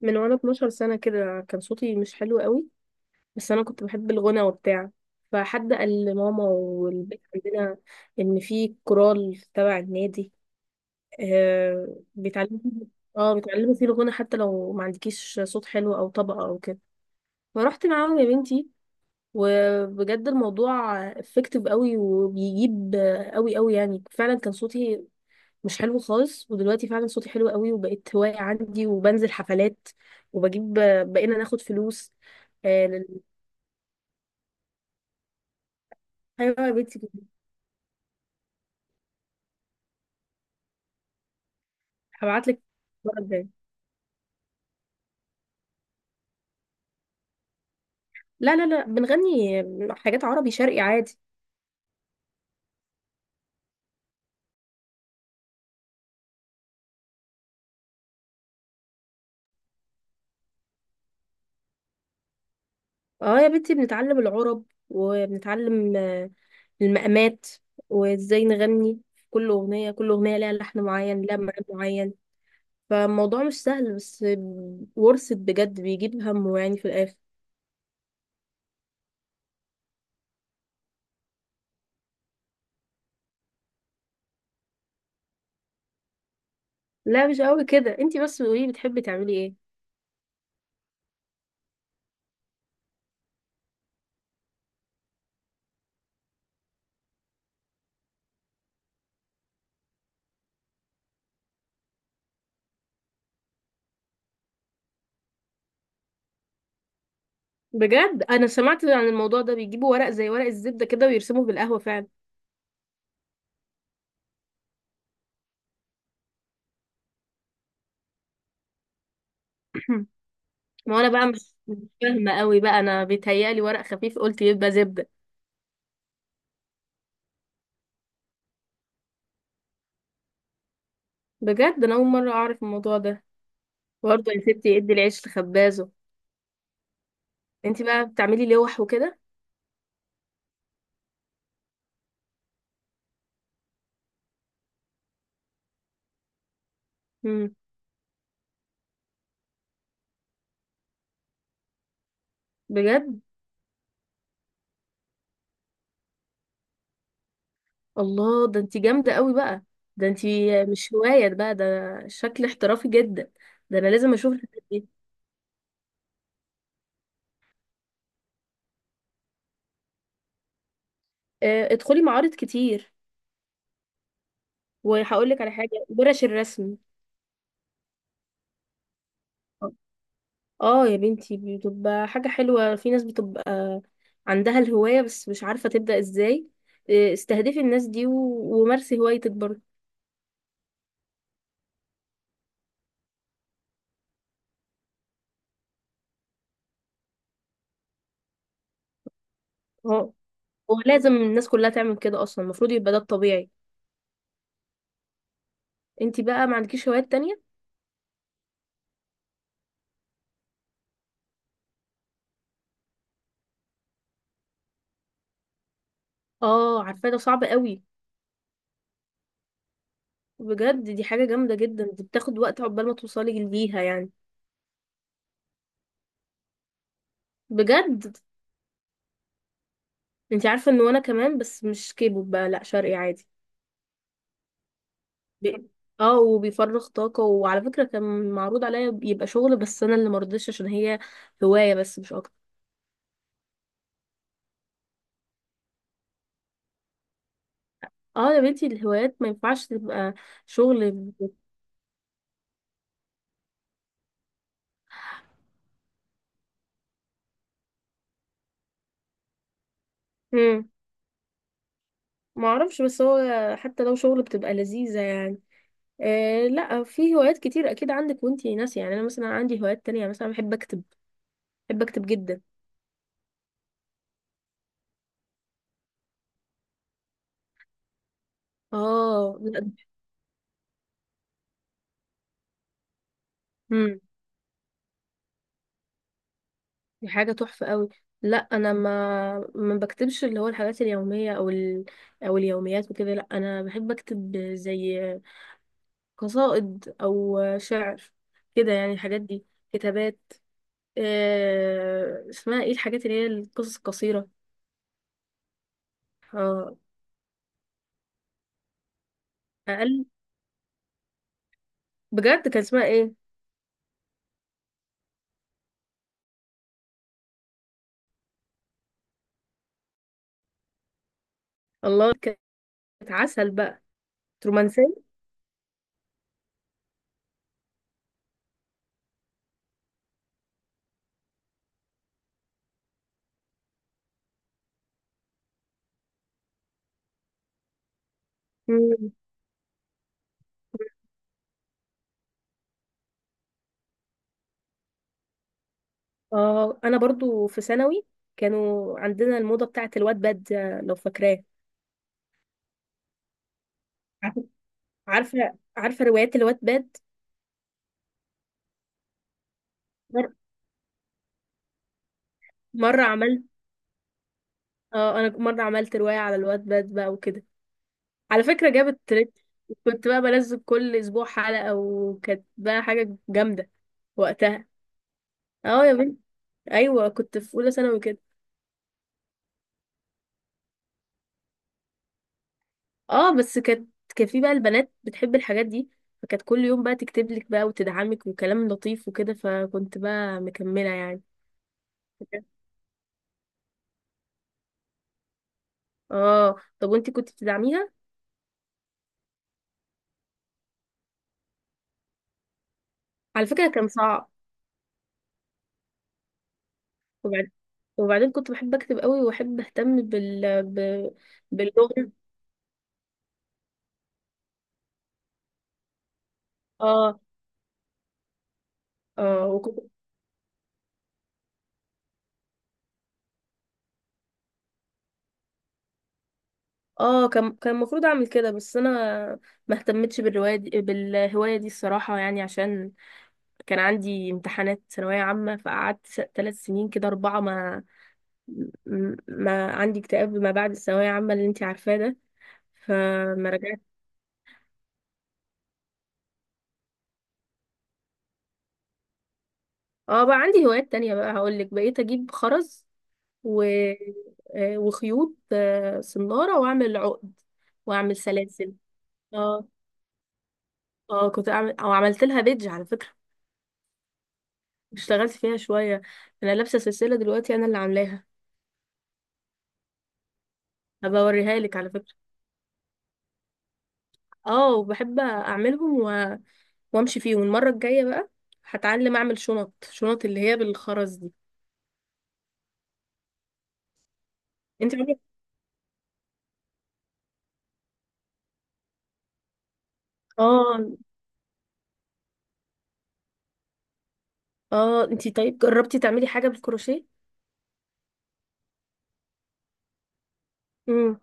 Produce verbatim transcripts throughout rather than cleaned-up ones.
من وانا اثنا عشر سنة كده كان صوتي مش حلو قوي، بس انا كنت بحب الغنى وبتاع. فحد قال لماما والبيت عندنا ان في كورال تبع النادي. آه بيتعلموا فيه- اه بيتعلموا فيه الغنى حتى لو ما عندكيش صوت حلو او طبقة او كده. فرحت معاهم يا بنتي، وبجد الموضوع افكتيف قوي وبيجيب قوي قوي، يعني فعلا كان صوتي مش حلو خالص، ودلوقتي فعلا صوتي حلو قوي وبقيت هواية عندي وبنزل حفلات وبجيب، بقينا ناخد فلوس. آه لل... ايوه أيوة، يا بنتي، هبعت لك المرة الجاية. لا لا لا، بنغني حاجات عربي شرقي عادي. اه يا بنتي، بنتعلم العرب وبنتعلم آه، المقامات وازاي نغني. كل اغنية كل اغنية لها لحن معين لها مقام معين، فالموضوع مش سهل، بس ورثت بجد بيجيب همه يعني في الاخر. لا مش قوي كده، انتي بس قولي بتحبي تعملي ايه. بجد انا سمعت عن الموضوع ده، بيجيبوا ورق زي ورق الزبده كده ويرسموه بالقهوه فعلا. ما هو انا بقى مش مش فاهمه قوي بقى، انا بيتهيألي ورق خفيف قلت يبقى زبده. بجد انا اول مره اعرف الموضوع ده. برضه يا ستي ادي العيش لخبازه. انت بقى بتعملي لوح وكده. امم. بجد الله ده انت جامده قوي بقى. ده انت مش هوايه بقى ده، شكل احترافي جدا. ده انا لازم اشوف الحاجات دي. آه، ادخلي معارض كتير، وهقول لك على حاجه، ورش الرسم. اه يا بنتي بتبقى حاجة حلوة، في ناس بتبقى عندها الهواية بس مش عارفة تبدأ ازاي. إيه، استهدفي الناس دي و- ومارسي هوايتك برضه. هو هو لازم الناس كلها تعمل كده، اصلا المفروض يبقى ده الطبيعي. انتي بقى ما عندكيش هوايات تانية؟ اه عارفة، ده صعب قوي. بجد دي حاجة جامدة جدا، دي بتاخد وقت عقبال ما توصلي ليها يعني. بجد انتي عارفة ان وانا كمان، بس مش كيبو بقى، لا شرقي عادي. ب- اه وبيفرغ طاقة، وعلى فكرة كان معروض عليا يبقى شغل بس انا اللي مرضتش، عشان هي هواية بس مش اكتر. اه يا بنتي الهوايات ما ينفعش تبقى شغل. امم ما اعرفش، بس هو حتى لو شغل بتبقى لذيذة يعني. آه لا، في هوايات كتير اكيد عندك وانتي ناسية، يعني انا مثلا عندي هوايات تانية، يعني مثلا بحب اكتب، بحب اكتب جدا. اه لا دي حاجة تحفة قوي. لا انا ما ما بكتبش اللي هو الحاجات اليومية او ال... او اليوميات وكده، لا انا بحب اكتب زي قصائد او شعر كده يعني، الحاجات دي كتابات. آه... اسمها ايه الحاجات اللي هي القصص القصيرة؟ اه. اقل؟ بجد كان اسمها ايه؟ الله كانت عسل بقى، رومانسية. مم. اه انا برضو في ثانوي كانوا عندنا الموضة بتاعت الواد باد، لو فاكراه. عارفة عارفة، روايات الواتباد باد. مر... مرة عملت اه انا مرة عملت رواية على الواتباد باد بقى وكده، على فكرة جابت تريت. كنت بقى بنزل كل اسبوع حلقة، وكانت بقى حاجة جامدة وقتها. اه يا بنت. ايوه كنت في اولى ثانوي كده. اه بس كانت كان في بقى البنات بتحب الحاجات دي، فكانت كل يوم بقى تكتب لك بقى وتدعمك وكلام لطيف وكده، فكنت بقى مكملة يعني. اه طب وانتي كنت بتدعميها؟ على فكرة كان صعب. وبعدين كنت بحب اكتب قوي واحب اهتم بال ب... باللغه. اه اه وكنت، اه كان كان المفروض اعمل كده، بس انا ما اهتمتش بالروايه دي بالهوايه دي الصراحه، يعني عشان كان عندي امتحانات ثانويه عامه، فقعدت ثلاث سنين كده اربعه، ما م- ما عندي اكتئاب ما بعد الثانويه عامه اللي انت عارفاه ده، فما رجعت. اه بقى عندي هوايات تانية، بقى هقول لك، بقيت اجيب خرز و... آه، وخيوط آه، صنارة واعمل عقد واعمل سلاسل. اه اه كنت اعمل او عملت لها بيدج على فكرة، اشتغلت فيها شوية. انا لابسة سلسلة دلوقتي انا اللي عاملاها، هبقى اوريها لك على فكرة. اه وبحب اعملهم و... وامشي فيهم. المرة الجاية بقى هتعلم اعمل شنط، شنط اللي هي بالخرز دي. انت عملت؟ اه. اه انت طيب جربتي تعملي حاجة بالكروشيه؟ امم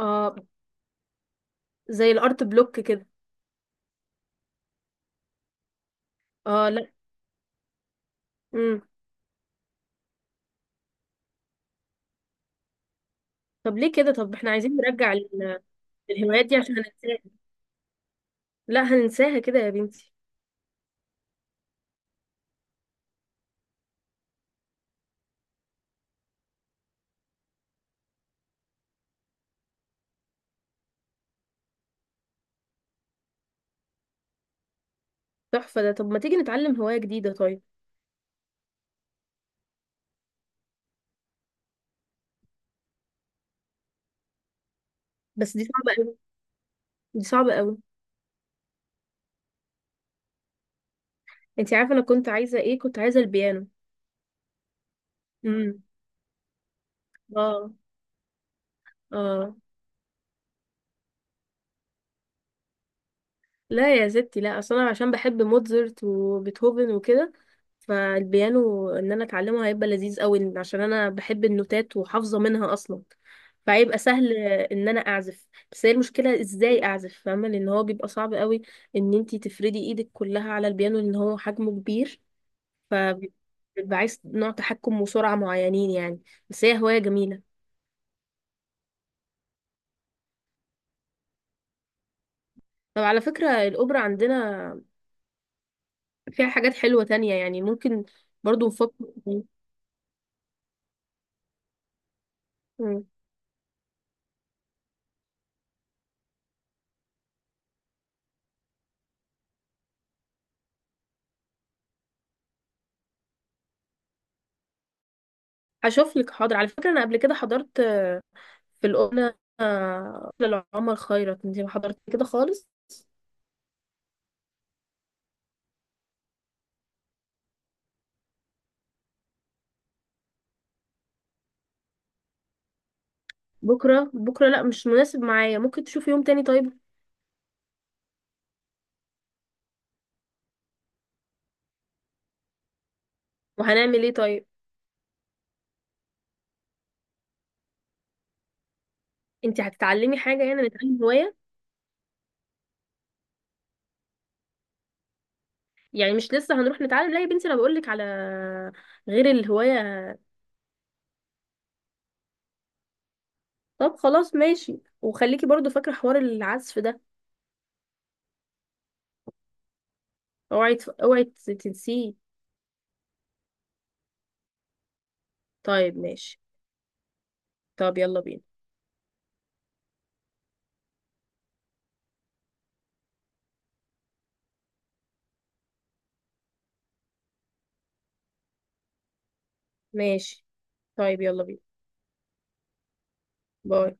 اه زي الارت بلوك كده. اه لا امم. طب ليه كده، طب احنا عايزين نرجع الهوايات دي عشان هننساها، لا هننساها كده يا بنتي. تحفة ده، طب ما تيجي نتعلم هواية جديدة طيب. بس دي صعبة قوي، دي صعبة قوي. انت عارفة انا كنت عايزة ايه؟ كنت عايزة البيانو. امم اه اه. لا يا ستي، لا اصل انا عشان بحب موتزارت وبيتهوفن وكده، فالبيانو ان انا اتعلمه هيبقى لذيذ قوي، عشان انا بحب النوتات وحافظه منها اصلا، فهيبقى سهل ان انا اعزف. بس هي المشكله ازاي اعزف، فاهمه، لان هو بيبقى صعب قوي ان انتي تفردي ايدك كلها على البيانو لان هو حجمه كبير، فبيبقى عايز نوع تحكم وسرعه معينين يعني. بس هي هوايه جميله. طب على فكره الاوبرا عندنا فيها حاجات حلوه تانية يعني، ممكن برضو نفكر. هشوف لك حاضر. على فكرة انا قبل كده حضرت آه، في القناة آه، لعمر خيرت، انت ما حضرت كده خالص؟ بكرة؟ بكرة لا مش مناسب معايا، ممكن تشوفي يوم تاني طيب. وهنعمل ايه طيب؟ انت هتتعلمي حاجة؟ يعني نتعلم هواية يعني، مش لسه هنروح نتعلم، لا يا بنتي انا بقولك على غير الهواية. طب خلاص ماشي، وخليكي برضو فاكرة حوار العزف ده، اوعي تف- اوعي تنسيه. طيب ماشي، طب يلا بينا. ماشي طيب يلا بينا. باي.